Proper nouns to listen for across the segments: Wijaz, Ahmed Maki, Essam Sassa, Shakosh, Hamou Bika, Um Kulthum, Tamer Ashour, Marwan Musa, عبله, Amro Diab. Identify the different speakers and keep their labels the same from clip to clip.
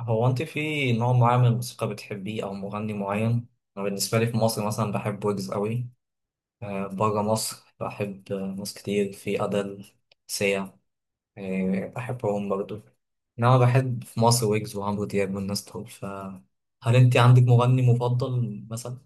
Speaker 1: هو انت في نوع معين من الموسيقى بتحبيه او مغني معين. انا بالنسبه لي في مصر مثلا بحب ويجز قوي. بره مصر بحب ناس كتير في ادل سيا. بحبهم برضو. انما بحب في مصر ويجز وعمرو دياب والناس دول، فهل انت عندك مغني مفضل مثلا؟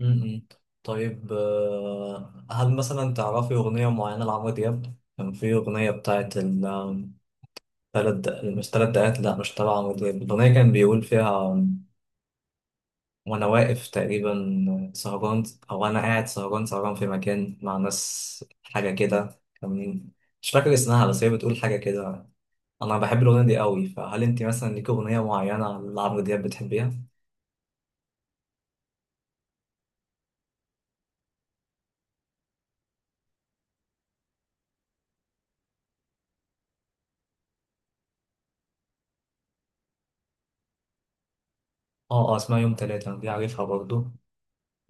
Speaker 1: م-م. طيب، هل مثلا تعرفي اغنيه معينه لعمرو دياب؟ كان في اغنيه بتاعت مش تلات دقات، لا مش تبع عمرو دياب. الأغنية كان بيقول فيها وانا واقف تقريبا سهران، او انا قاعد سهران سهران في مكان مع ناس، حاجه كده. كان مش فاكر اسمها بس هي بتقول حاجه كده. انا بحب الاغنيه دي قوي، فهل انت مثلا ليك اغنيه معينه لعمرو دياب بتحبيها؟ اه اه، اسمها يوم تلاتة، انا دي عارفها برضو.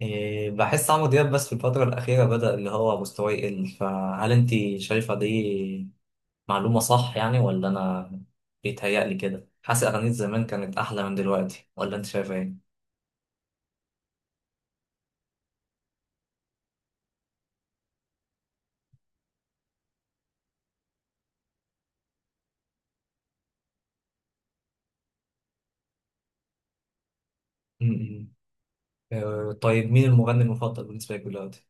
Speaker 1: إيه، بحس عمرو دياب بس في الفتره الاخيره بدأ اللي هو مستواه يقل، فهل انت شايفه دي معلومه صح يعني، ولا انا بيتهيألي كده؟ حاسس اغانيه زمان كانت احلى من دلوقتي، ولا انت شايفه ايه؟ طيب، مين المغني المفضل بالنسبة لك دلوقتي؟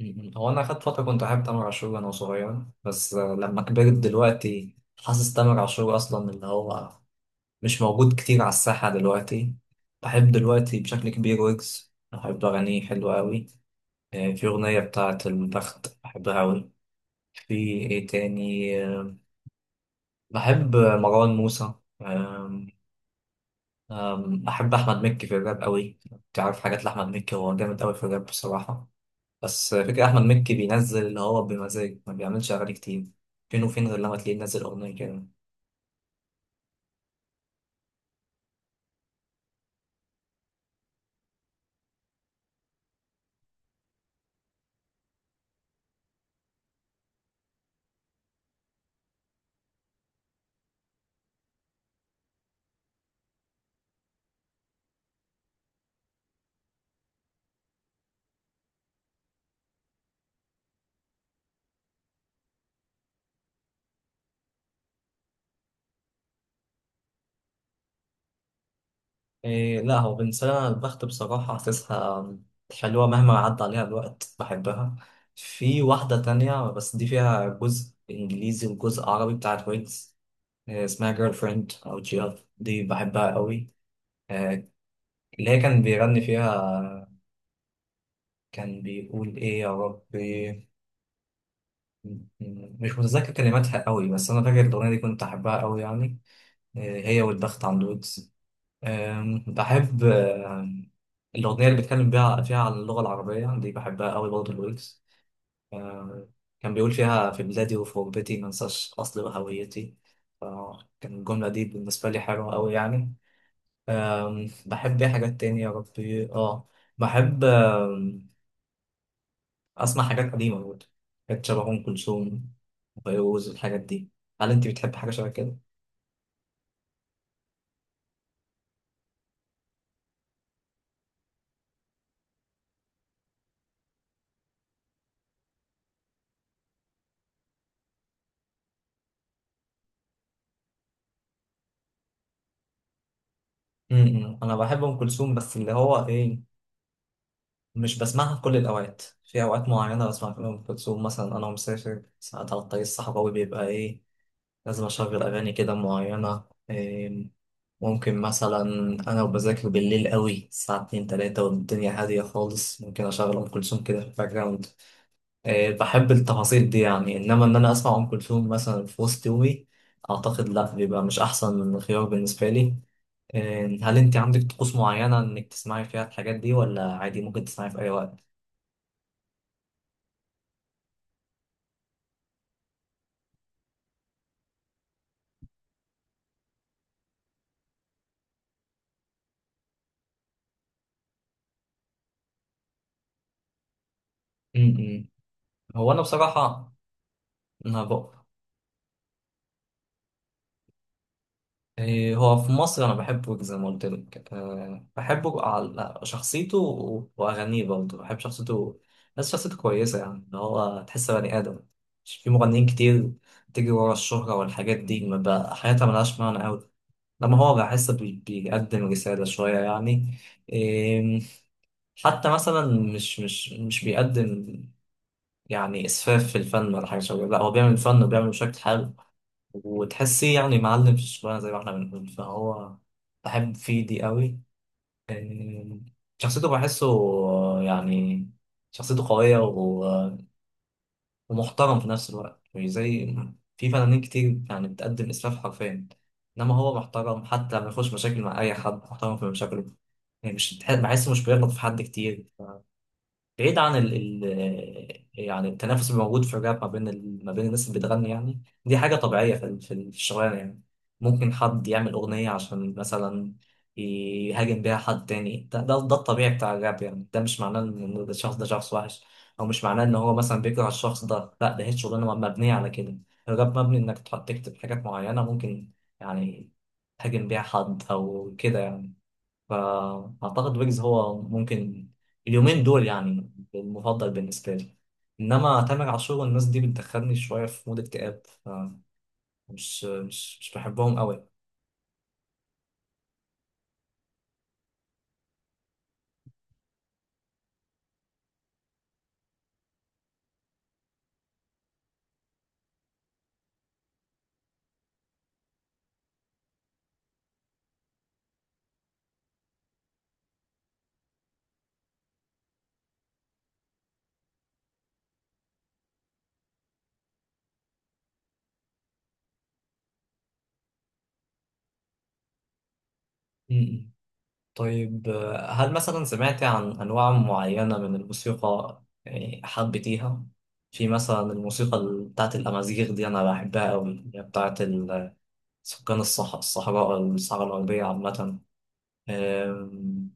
Speaker 1: م- م. هو أنا أخدت فترة كنت أحب تامر عاشور وأنا صغير، بس لما كبرت دلوقتي حاسس تامر عاشور أصلا اللي هو مش موجود كتير على الساحة دلوقتي. بحب دلوقتي بشكل كبير ويجز، بحب أغانيه حلوة أوي. في أغنية بتاعة البخت بحبها أوي. في إيه تاني بحب مروان موسى. آم، آم، بحب أحمد مكي في الراب أوي. تعرف حاجات لأحمد مكي، هو جامد أوي في الراب بصراحة. بس فكرة أحمد مكي بينزل اللي هو بمزاج، ما بيعملش أغاني كتير، فين وفين غير لما تلاقيه منزل أغنية كده. إيه، لا هو بالنسبة لي أنا البخت بصراحة حاسسها حلوة، مهما عدى عليها الوقت بحبها. في واحدة تانية بس دي فيها جزء إنجليزي وجزء عربي بتاعت ويجز، إيه اسمها، جيرل فريند أو جيرل، دي بحبها قوي. إيه، اللي هي كان بيغني فيها، كان بيقول إيه يا ربي، م- مش متذكر كلماتها قوي، بس أنا فاكر الأغنية دي كنت أحبها قوي يعني. هي والبخت عن الودز. بحب الأغنية اللي بيتكلم بيها فيها عن اللغة العربية دي، بحبها قوي برضه، الويجز. أم، كان بيقول فيها في بلادي وفي غربتي ما انساش أصلي وهويتي. كان الجملة دي بالنسبة لي حلوة قوي يعني. بحب ايه حاجات تانية يا ربي، اه بحب أسمع حاجات قديمة برضه، حاجات شبه أم كلثوم وفيروز، الحاجات دي. هل أنت بتحب حاجة شبه كده؟ م- م. أنا بحب أم كلثوم، بس اللي هو إيه، مش بسمعها في كل الأوقات. في أوقات معينة بسمع فيها أم كلثوم، مثلا أنا مسافر ساعات على الطريق الصحراوي، بيبقى إيه، لازم أشغل أغاني كده معينة. إيه، ممكن مثلا أنا وبذاكر بالليل قوي الساعة اتنين تلاتة والدنيا هادية خالص، ممكن أشغل أم كلثوم كده في الباك جراوند. إيه، بحب التفاصيل دي يعني، إنما إن أنا أسمع أم كلثوم مثلا في وسط يومي، أعتقد لأ، بيبقى مش أحسن خيار بالنسبة لي. إيه، هل أنت عندك طقوس معينة إنك تسمعي فيها الحاجات دي، ولا عادي ممكن تسمعي في أي وقت؟ هو انا بصراحه انا بق... إيه، هو في مصر انا بحبه زي ما قلت لك، أه بحبه على شخصيته واغانيه برضه، بحب شخصيته. بس شخصيته كويسه يعني، اللي هو تحس بني ادم، مش في مغنيين كتير تيجي ورا الشهره والحاجات دي ما بقى حياتها ملهاش معنى قوي. لما هو بحس بي... بيقدم رساله شويه يعني. إيه حتى مثلا، مش بيقدم يعني اسفاف في الفن ولا حاجه شبه، لا هو بيعمل فن وبيعمل بشكل حلو، وتحسيه يعني معلم في الشغلانة زي ما احنا بنقول. فهو بحب فيه دي قوي. آم، شخصيته بحسه يعني شخصيته قوية ومحترم في نفس الوقت، مش زي في فنانين كتير يعني بتقدم إسفاف حرفيا. إنما هو محترم حتى لما يخش مشاكل مع أي حد محترم في مشاكله، يعني مش بتح- بحسه مش بيغلط في حد كتير. بعيد عن ال ال يعني التنافس اللي موجود في الراب ما بين ما بين الناس اللي بتغني، يعني دي حاجة طبيعية في في الشغلانة يعني. ممكن حد يعمل أغنية عشان مثلا يهاجم بيها حد تاني، ده ده, ده الطبيعي بتاع الراب يعني. ده مش معناه إن الشخص ده شخص وحش، أو مش معناه إن هو مثلا بيكره الشخص ده، لا ده هي شغلانة مبنية على كده. الراب مبني إنك تحط- تكتب حاجات معينة ممكن يعني تهاجم بيها حد أو كده يعني. فأعتقد ويجز هو ممكن اليومين دول يعني المفضل بالنسبة لي. إنما تامر عاشور والناس دي بتدخلني شوية في مود اكتئاب، فمش مش مش بحبهم أوي. م-م. طيب، هل مثلا سمعت عن أنواع معينة من الموسيقى يعني حبيتيها؟ في مثلا الموسيقى بتاعت الأمازيغ دي أنا بحبها أوي، اللي هي بتاعت سكان الصحراء، الصحراء الغربية عامة. آم،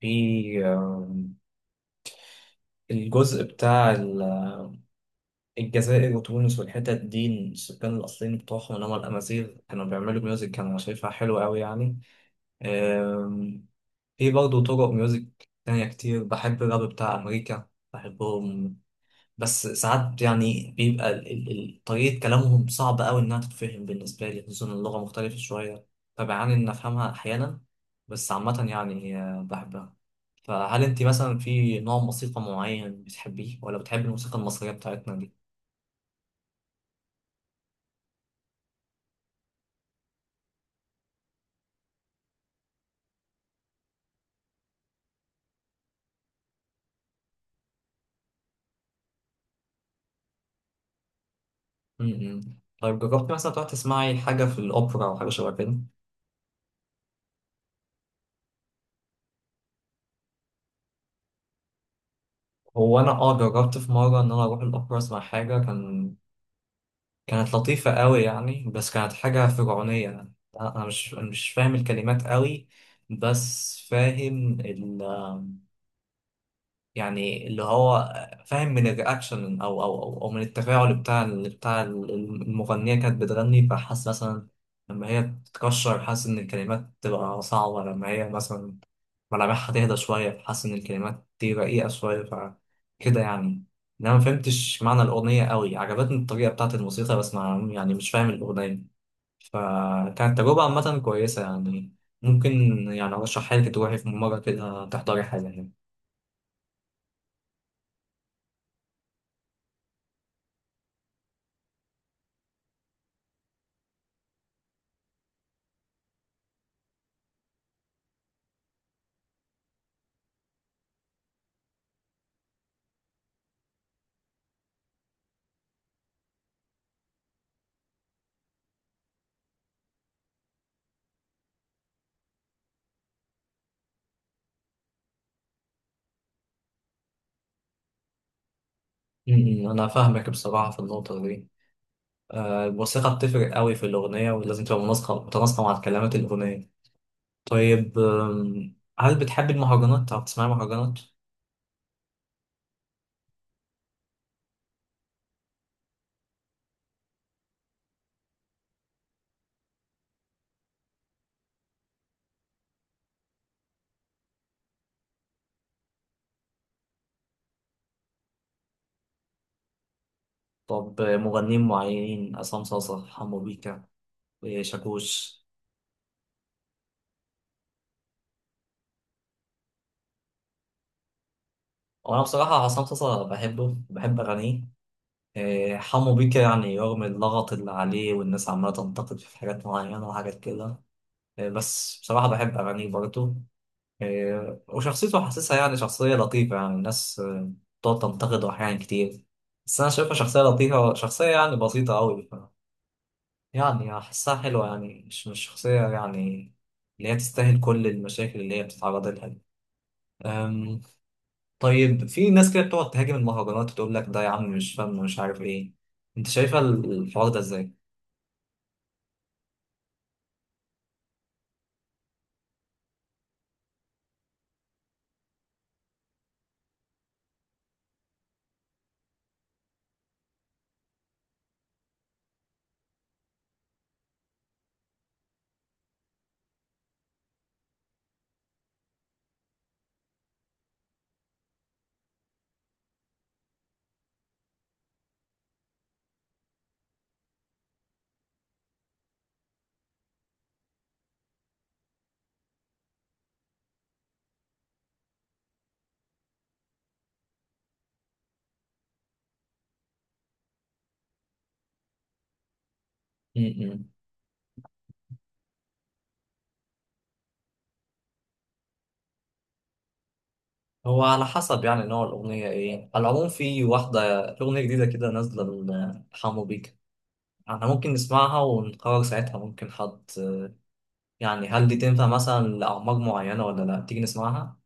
Speaker 1: في الجزء بتاع الجزائر وتونس والحتت دي، السكان الأصليين بتوعهم اللي هم الأمازيغ، كانوا بيعملوا ميوزك كانوا شايفها حلوة أوي يعني. أم، في برضه طرق ميوزك تانية كتير. بحب الراب بتاع أمريكا، بحبهم. بس ساعات يعني بيبقى طريقة كلامهم صعبة أوي إنها تتفهم بالنسبة لي، خصوصا اللغة مختلفة شوية فبعاني إن أفهمها أحيانا. بس عامة يعني بحبها. فهل انت مثلا في نوع موسيقى معين بتحبيه، ولا بتحبي الموسيقى المصرية بتاعتنا دي؟ م-م. طيب، جربتي مثلا تروحي تسمعي حاجة في الأوبرا أو حاجة شبه كده؟ هو أنا أه جربت في مرة إن أنا أروح الأوبرا أسمع حاجة، كان كانت لطيفة قوي يعني، بس كانت حاجة فرعونية يعني. أنا مش فاهم الكلمات قوي، بس فاهم يعني اللي هو فاهم من الرياكشن أو من التفاعل بتاع المغنيه، كانت بتغني. فحاسس مثلا لما هي بتتكشر حاسس ان الكلمات تبقى صعبه، لما هي مثلا ملامحها تهدى شويه فحاسس ان الكلمات دي رقيقه شويه فكده يعني. انا ما فهمتش معنى الاغنيه قوي، عجبتني الطريقه بتاعت الموسيقى بس ما يعني مش فاهم الاغنيه. فكانت تجربه عامه كويسه يعني، ممكن يعني ارشحها لك تروحي في مره كده تحضري حاجه. م- م. انا فاهمك بصراحه في النقطه دي. الموسيقى بتفرق قوي في الاغنيه، ولازم تبقى مناسقه متناسقه مع كلمات الاغنيه. طيب، هل بتحبي المهرجانات او بتسمعي مهرجانات؟ طب، مغنيين معينين، عصام صاصا، حمو بيكا، شاكوش؟ وانا بصراحه عصام صاصا بحبه، بحب اغانيه. حمو بيكا يعني رغم اللغط اللي عليه والناس عماله تنتقد في حاجات معينه وحاجات كده، بس بصراحه بحب اغانيه برضه. إيه، وشخصيته حاسسها يعني شخصية لطيفة. يعني الناس بتقعد تنتقده أحيان كتير، بس أنا شايفها شخصية لطيفة، شخصية يعني بسيطة أوي ف... يعني أحسها حلوة، يعني مش شخصية يعني اللي هي تستاهل كل المشاكل اللي هي بتتعرض لها دي. أم... طيب في ناس كده بتقعد تهاجم المهرجانات وتقول لك ده يا عم مش فن ومش عارف إيه. أنت شايفة الحوار ده إزاي؟ م- م. هو على حسب يعني نوع الأغنية إيه. على العموم في واحدة أغنية جديدة كده نازلة حمو بيك، احنا ممكن نسمعها ونقرر ساعتها، ممكن حد يعني هل دي تنفع مثلا لأعمار معينة ولا لا، تيجي نسمعها.